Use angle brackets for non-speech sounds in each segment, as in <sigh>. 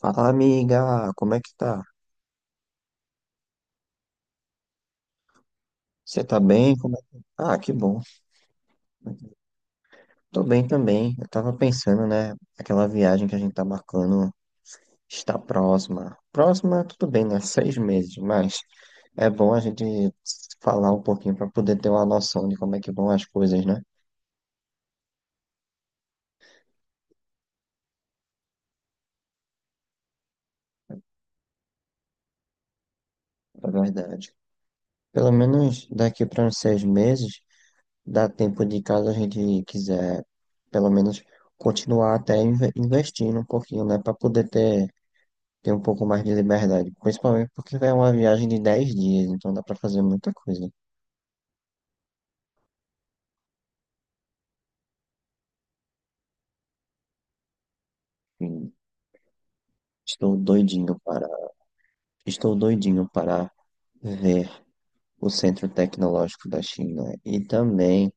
Fala, amiga. Como é que tá? Você tá bem? Ah, que bom. Tô bem também. Eu tava pensando, né? Aquela viagem que a gente tá marcando está próxima. Próxima, tudo bem, né? <laughs> 6 meses, mas é bom a gente falar um pouquinho pra poder ter uma noção de como é que vão as coisas, né? Na verdade, pelo menos daqui para uns 6 meses, dá tempo de, caso a gente quiser, pelo menos, continuar até investindo um pouquinho, né? Pra poder ter um pouco mais de liberdade, principalmente porque é uma viagem de 10 dias, então dá para fazer muita coisa. E estou doidinho para, estou doidinho para ver o Centro Tecnológico da China e também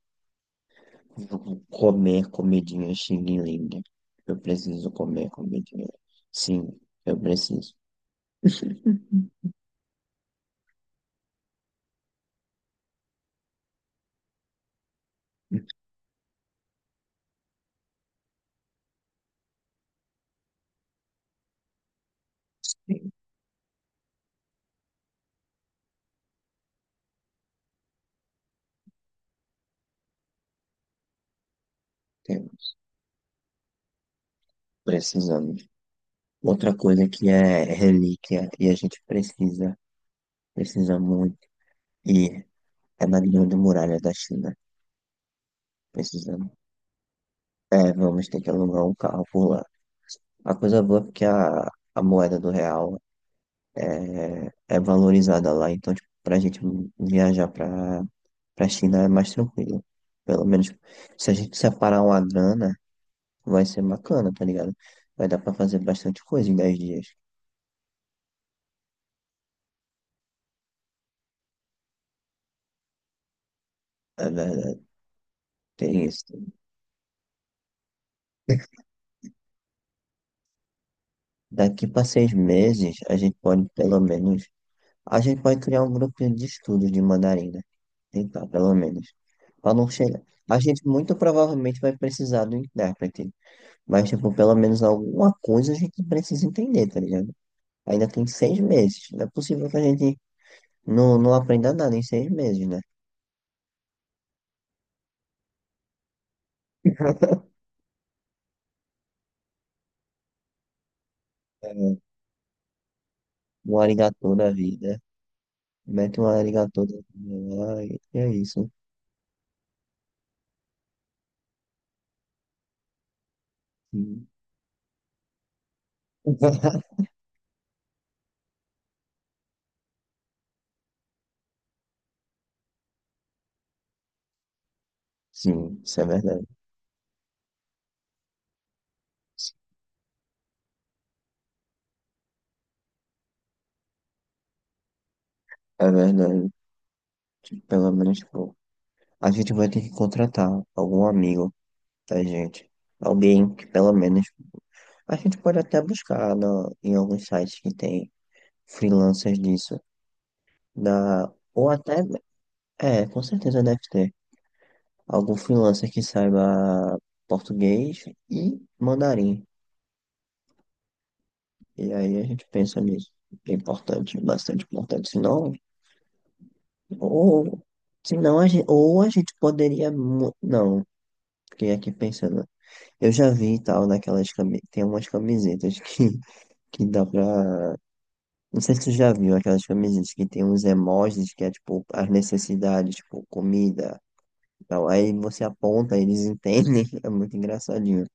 comer comidinha Xing Ling. Eu preciso comer comidinha. Sim, eu preciso. Temos, precisamos. Outra coisa que é relíquia e a gente precisa muito, e é na Grande Muralha da China. Precisamos. É, vamos ter que alugar um carro por lá. A coisa boa é porque a moeda do real é valorizada lá, então, tipo, pra gente viajar pra, pra China é mais tranquilo. Pelo menos se a gente separar uma grana, vai ser bacana, tá ligado? Vai dar pra fazer bastante coisa em 10 dias. É verdade, tem isso. Daqui pra 6 meses, a gente pode pelo menos... a gente pode criar um grupinho de estudos de mandarim, né? Tentar, pelo menos, para não chegar... A gente muito provavelmente vai precisar do intérprete. Mas, tipo, pelo menos alguma coisa a gente precisa entender, tá ligado? Ainda tem 6 meses. Não é possível que a gente não aprenda nada em 6 meses, né? Um arigatô da vida. Mete um arigatô da vida lá e é isso. Sim. <laughs> Sim, isso é verdade. É verdade. Tipo, pelo menos, tipo, a gente vai ter que contratar algum amigo. Tá, gente? Alguém que pelo menos... A gente pode até buscar em alguns sites que tem freelancers disso. Ou até... É, com certeza deve ter. Algum freelancer que saiba português e mandarim. E aí a gente pensa nisso. É importante, bastante importante. Senão... Ou... Senão a gente, ou a gente poderia... Não, fiquei aqui pensando. Eu já vi e tal naquelas camisetas. Tem umas camisetas que, <laughs> que dá pra... Não sei se tu já viu aquelas camisetas que tem uns emojis que é tipo as necessidades, tipo comida e tal. Aí você aponta, eles entendem. <laughs> É muito engraçadinho.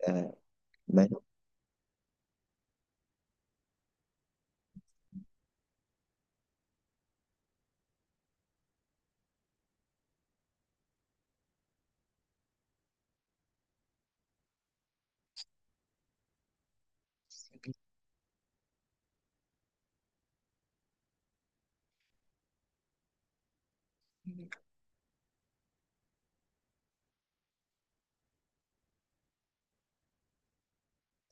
É, mas não,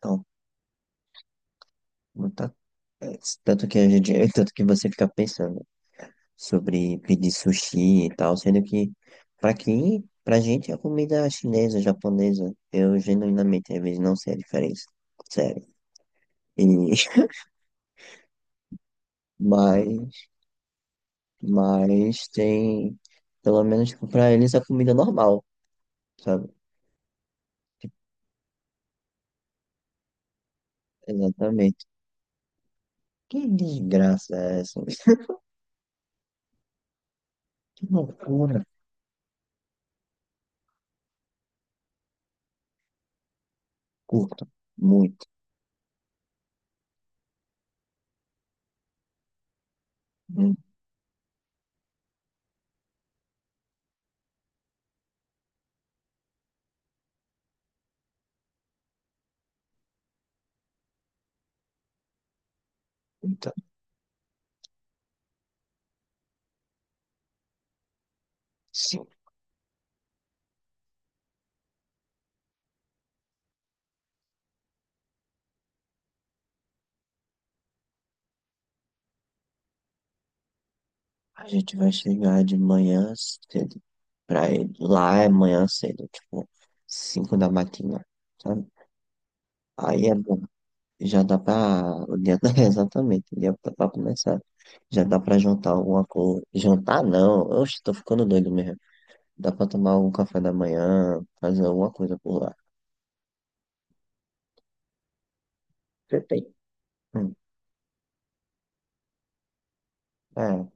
tá, não tá, é, tanto que a gente, <laughs> tanto que você fica pensando sobre pedir sushi e tal, sendo que pra gente a comida chinesa, japonesa, eu genuinamente às vezes não sei a diferença. Sério. E, <laughs> mas, mas tem, pelo menos tipo, pra eles a comida normal, sabe? Tipo, exatamente. Que desgraça é essa? <laughs> Que loucura. Curto, muito, muito. Então, sim, a gente vai chegar de manhã cedo pra ir lá, é manhã cedo, tipo, 5 da matina, sabe? Aí é bom, já dá pra, o dia, <laughs> tá, exatamente, o dia tá pra começar. Já dá pra jantar alguma coisa. Jantar não, oxe, tô ficando doido mesmo. Dá pra tomar algum café da manhã, fazer alguma coisa por lá. Você tem? Hum, é.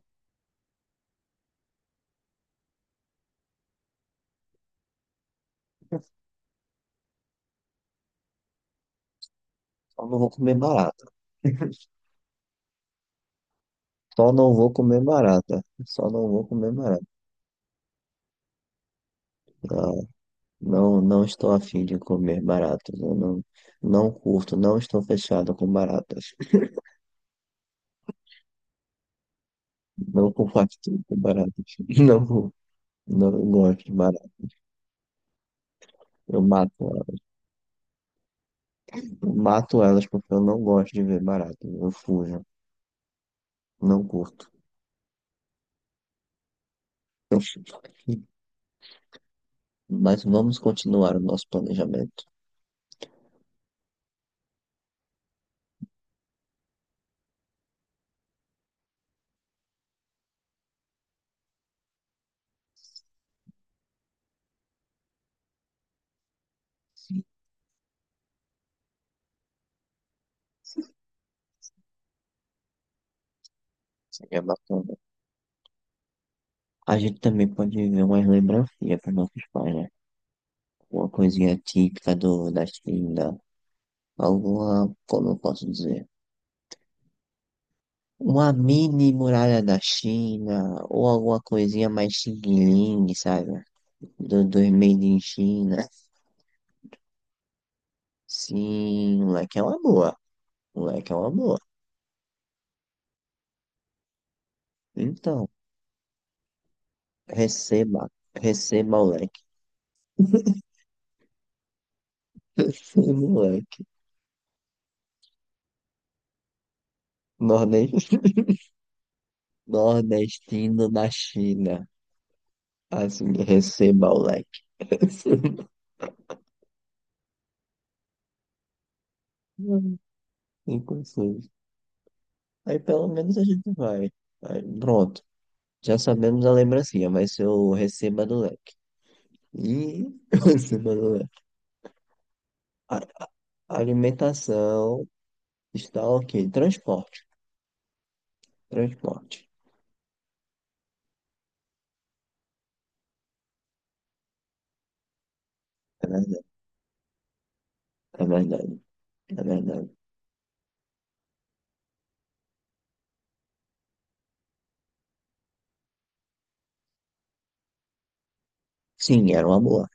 Só não vou comer barata. <laughs> Só não vou comer barata. Só não vou comer barata. Ah, não, não estou afim de comer baratas. Eu não curto, não estou fechado com baratas. Não compartilho com baratas. <laughs> Não, não gosto de baratas. Eu mato elas. Eu mato elas porque eu não gosto de ver baratas. Eu fujo. Não curto. <laughs> Mas vamos continuar o nosso planejamento. Seria bacana. A gente também pode ver umas lembrancinhas para nossos pais, né? Uma coisinha típica da China, alguma, como eu posso dizer, uma mini muralha da China, ou alguma coisinha mais xing-ling, sabe? Do Made in China. Sim, moleque, é uma boa. Moleque, é uma boa. Então, receba, receba, moleque. <laughs> Moleque, nordestino, nordestino da China. Assim, receba, moleque. <laughs> Inclusive... Aí pelo menos a gente vai... Aí, pronto. Já sabemos a lembrancinha, vai ser o receba do leque. E <laughs> o receba do leque. A, a- a alimentação está ok. Transporte. Transporte. É verdade. É verdade. É verdade. Sim, era uma boa.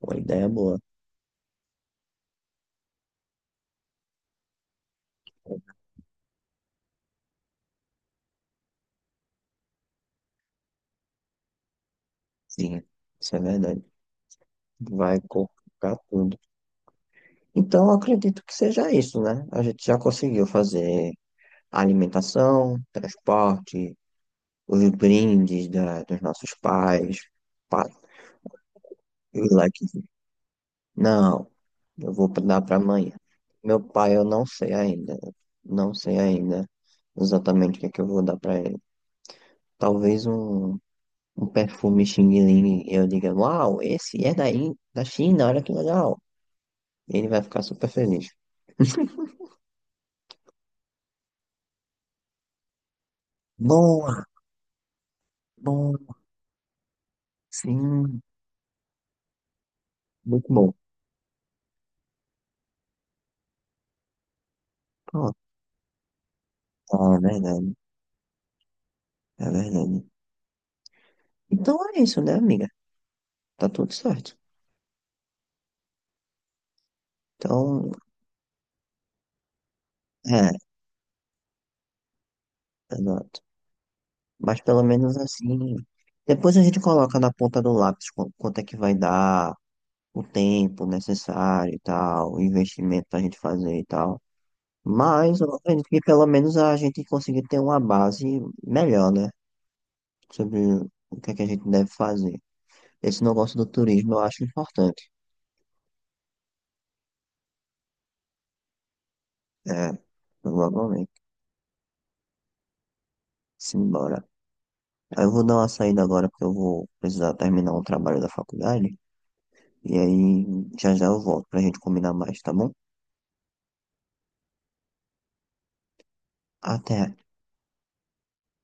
Uma ideia boa. Sim, isso é verdade. Vai colocar tudo. Então, eu acredito que seja isso, né? A gente já conseguiu fazer alimentação, transporte, os brindes dos nossos pais. Pá, eu lá que, não, eu vou dar para amanhã. Meu pai, eu não sei ainda. Não sei ainda exatamente o que é que eu vou dar para ele. Talvez um perfume Xing Ling, e eu diga, uau, esse é daí, da China, olha que legal. Ele vai ficar super feliz. Boa, bom, sim, muito bom. Pronto, ah, é verdade, é verdade. Então é isso, né, amiga? Tá tudo certo. Então, é. Exato. Mas pelo menos assim, depois a gente coloca na ponta do lápis quanto é que vai dar, o tempo necessário e tal, o investimento pra gente fazer e tal. Mas eu acredito que pelo menos a gente conseguir ter uma base melhor, né? Sobre o que é que a gente deve fazer. Esse negócio do turismo eu acho importante. É, provavelmente. Simbora. Eu vou dar uma saída agora porque eu vou precisar terminar um trabalho da faculdade. E aí já já eu volto pra gente combinar mais, tá bom? Até.